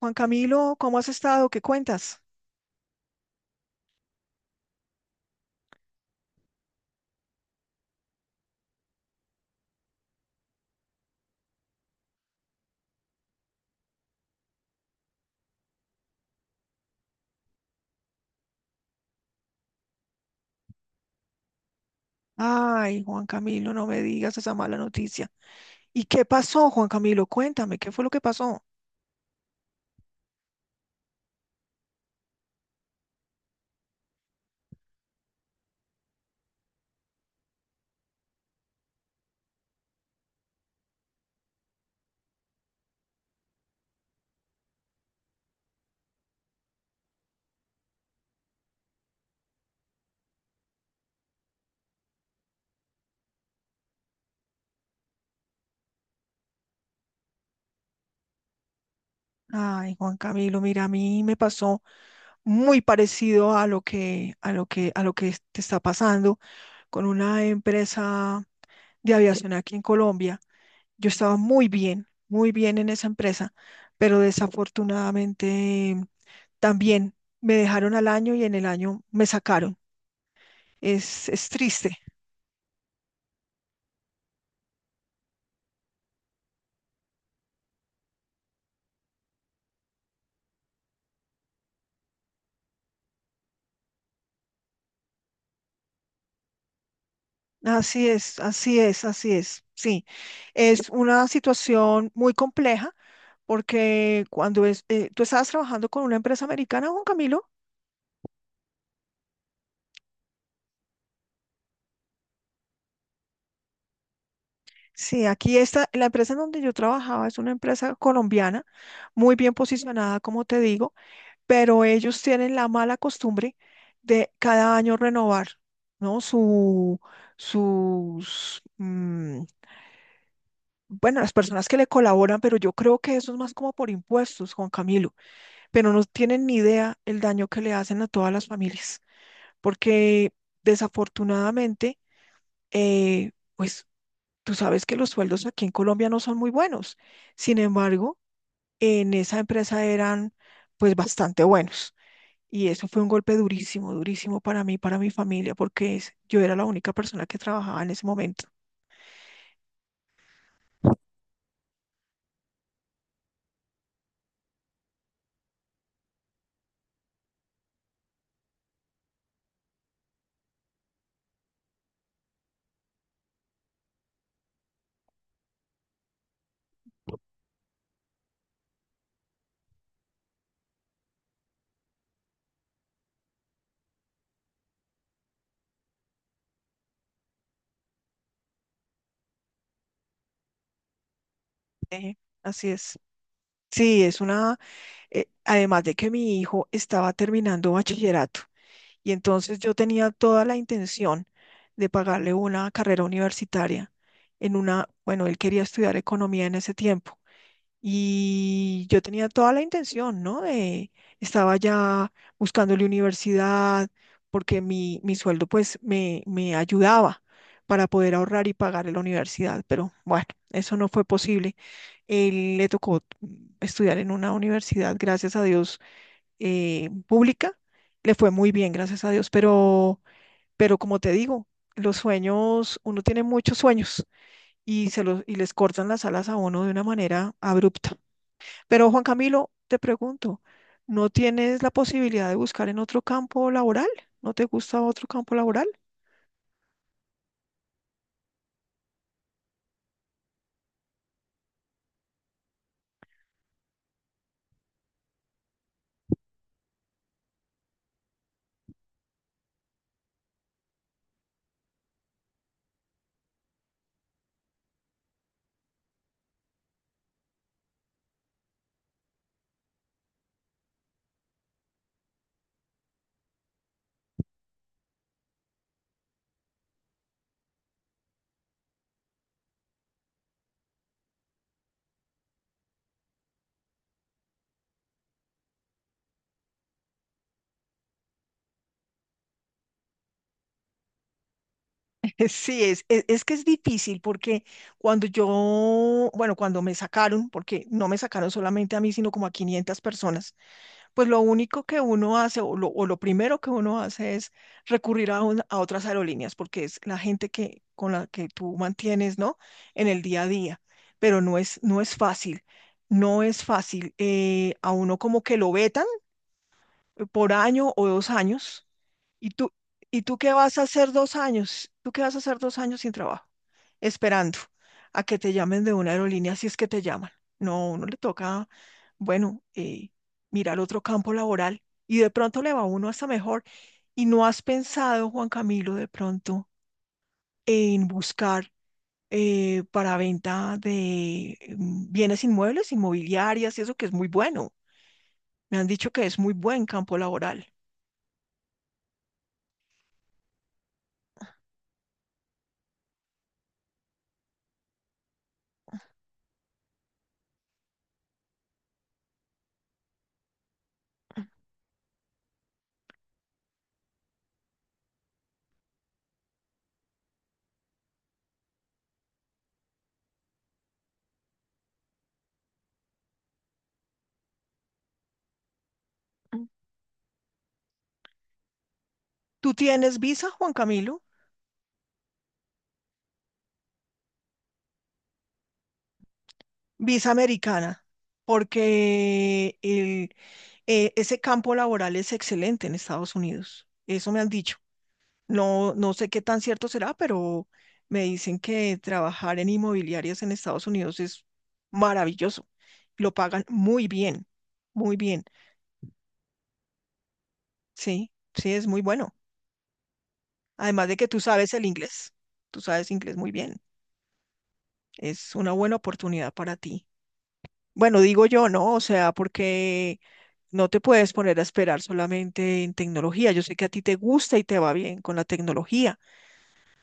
Juan Camilo, ¿cómo has estado? ¿Qué cuentas? Ay, Juan Camilo, no me digas esa mala noticia. ¿Y qué pasó, Juan Camilo? Cuéntame, ¿qué fue lo que pasó? Ay, Juan Camilo, mira, a mí me pasó muy parecido a lo que, te está pasando con una empresa de aviación aquí en Colombia. Yo estaba muy bien en esa empresa, pero desafortunadamente también me dejaron al año y en el año me sacaron. Es triste. Así es, así es, así es. Sí, es una situación muy compleja porque cuando tú estabas trabajando con una empresa americana, Juan Camilo. Sí, aquí está, la empresa en donde yo trabajaba es una empresa colombiana, muy bien posicionada, como te digo, pero ellos tienen la mala costumbre de cada año renovar, ¿no? Sus, mm, bueno, las personas que le colaboran, pero yo creo que eso es más como por impuestos, Juan Camilo. Pero no tienen ni idea el daño que le hacen a todas las familias, porque desafortunadamente, eh, pues tú sabes que los sueldos aquí en Colombia no son muy buenos. Sin embargo, en esa empresa eran pues bastante buenos. Y eso fue un golpe durísimo, durísimo para mí, para mi familia, porque yo era la única persona que trabajaba en ese momento. Eh, Así es. Sí, además de que mi hijo estaba terminando bachillerato. Y entonces yo tenía toda la intención de pagarle una carrera universitaria bueno, él quería estudiar economía en ese tiempo. Y yo tenía toda la intención, ¿no? Estaba ya buscándole universidad, porque mi sueldo pues me ayudaba para poder ahorrar y pagarle la universidad. Pero bueno, eso no fue posible. Él le tocó estudiar en una universidad, gracias a Dios, pública, le fue muy bien, gracias a Dios, pero como te digo, los sueños, uno tiene muchos sueños y les cortan las alas a uno de una manera abrupta. Pero Juan Camilo, te pregunto, ¿no tienes la posibilidad de buscar en otro campo laboral? ¿No te gusta otro campo laboral? Sí, es que es difícil porque bueno, cuando me sacaron, porque no me sacaron solamente a mí, sino como a 500 personas, pues lo único que uno hace o lo primero que uno hace es recurrir a otras aerolíneas porque es la gente con la que tú mantienes, ¿no? En el día a día, pero no es fácil, no es fácil. A uno como que lo vetan por año o 2 años. ¿Y tú qué vas a hacer 2 años? ¿Tú qué vas a hacer dos años sin trabajo? Esperando a que te llamen de una aerolínea si es que te llaman. No, uno le toca, bueno, mirar otro campo laboral y de pronto le va a uno hasta mejor. ¿Y no has pensado, Juan Camilo, de pronto en buscar para venta de bienes inmuebles, inmobiliarias y eso que es muy bueno? Me han dicho que es muy buen campo laboral. ¿Tú tienes visa, Juan Camilo? Visa americana, porque ese campo laboral es excelente en Estados Unidos. Eso me han dicho. No, no sé qué tan cierto será, pero me dicen que trabajar en inmobiliarias en Estados Unidos es maravilloso. Lo pagan muy bien, muy bien. Sí, sí, es muy bueno. Además de que tú sabes el inglés, tú sabes inglés muy bien. Es una buena oportunidad para ti. Bueno, digo yo, ¿no? O sea, porque no te puedes poner a esperar solamente en tecnología. Yo sé que a ti te gusta y te va bien con la tecnología,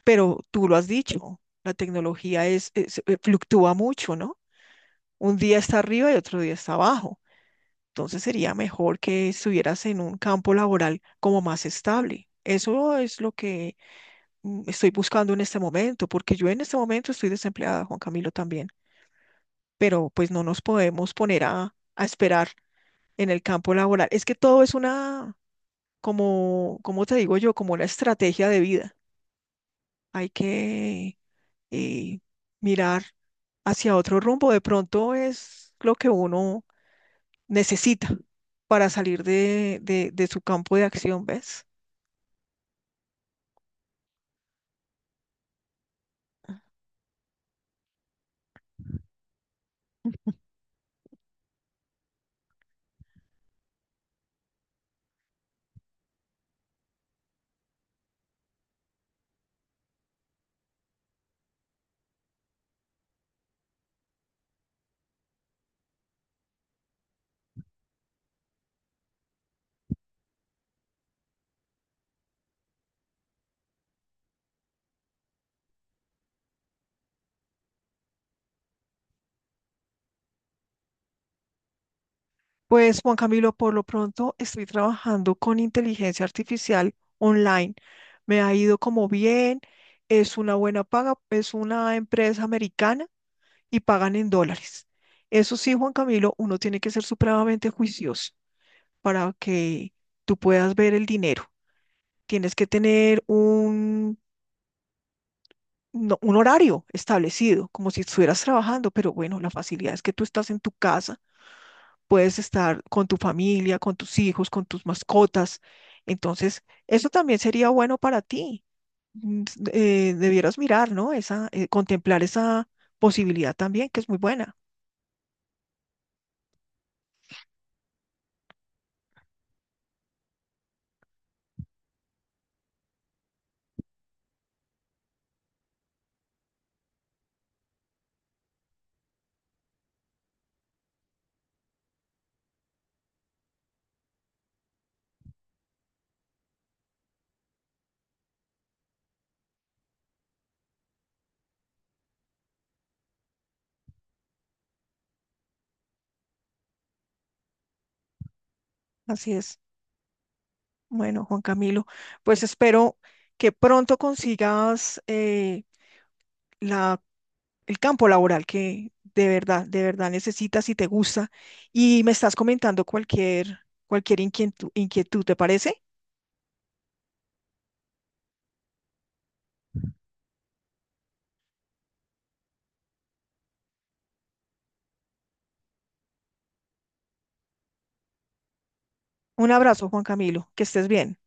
pero tú lo has dicho, la tecnología fluctúa mucho, ¿no? Un día está arriba y otro día está abajo. Entonces sería mejor que estuvieras en un campo laboral como más estable. Eso es lo que estoy buscando en este momento, porque yo en este momento estoy desempleada, Juan Camilo también, pero pues no nos podemos poner a esperar en el campo laboral. Es que todo es una como, como te digo yo, como una estrategia de vida. Hay que eh, mirar hacia otro rumbo. De pronto es lo que uno necesita para salir de su campo de acción, ¿ves? Pues Juan Camilo, por lo pronto estoy trabajando con inteligencia artificial online. Me ha ido como bien, es una buena paga, es una empresa americana y pagan en dólares. Eso sí, Juan Camilo, uno tiene que ser supremamente juicioso para que tú puedas ver el dinero. Tienes que tener un horario establecido, como si estuvieras trabajando, pero bueno, la facilidad es que tú estás en tu casa, puedes estar con tu familia, con tus hijos, con tus mascotas. Entonces, eso también sería bueno para ti. Mm, s- Debieras mirar, ¿no? Contemplar esa posibilidad también, que es muy buena. Así es. Bueno, Juan Camilo, pues espero que pronto consigas la, el campo laboral que de verdad necesitas y te gusta. Y me estás comentando cualquier inquietud, ¿te parece? Un abrazo, Juan Camilo, que estés bien.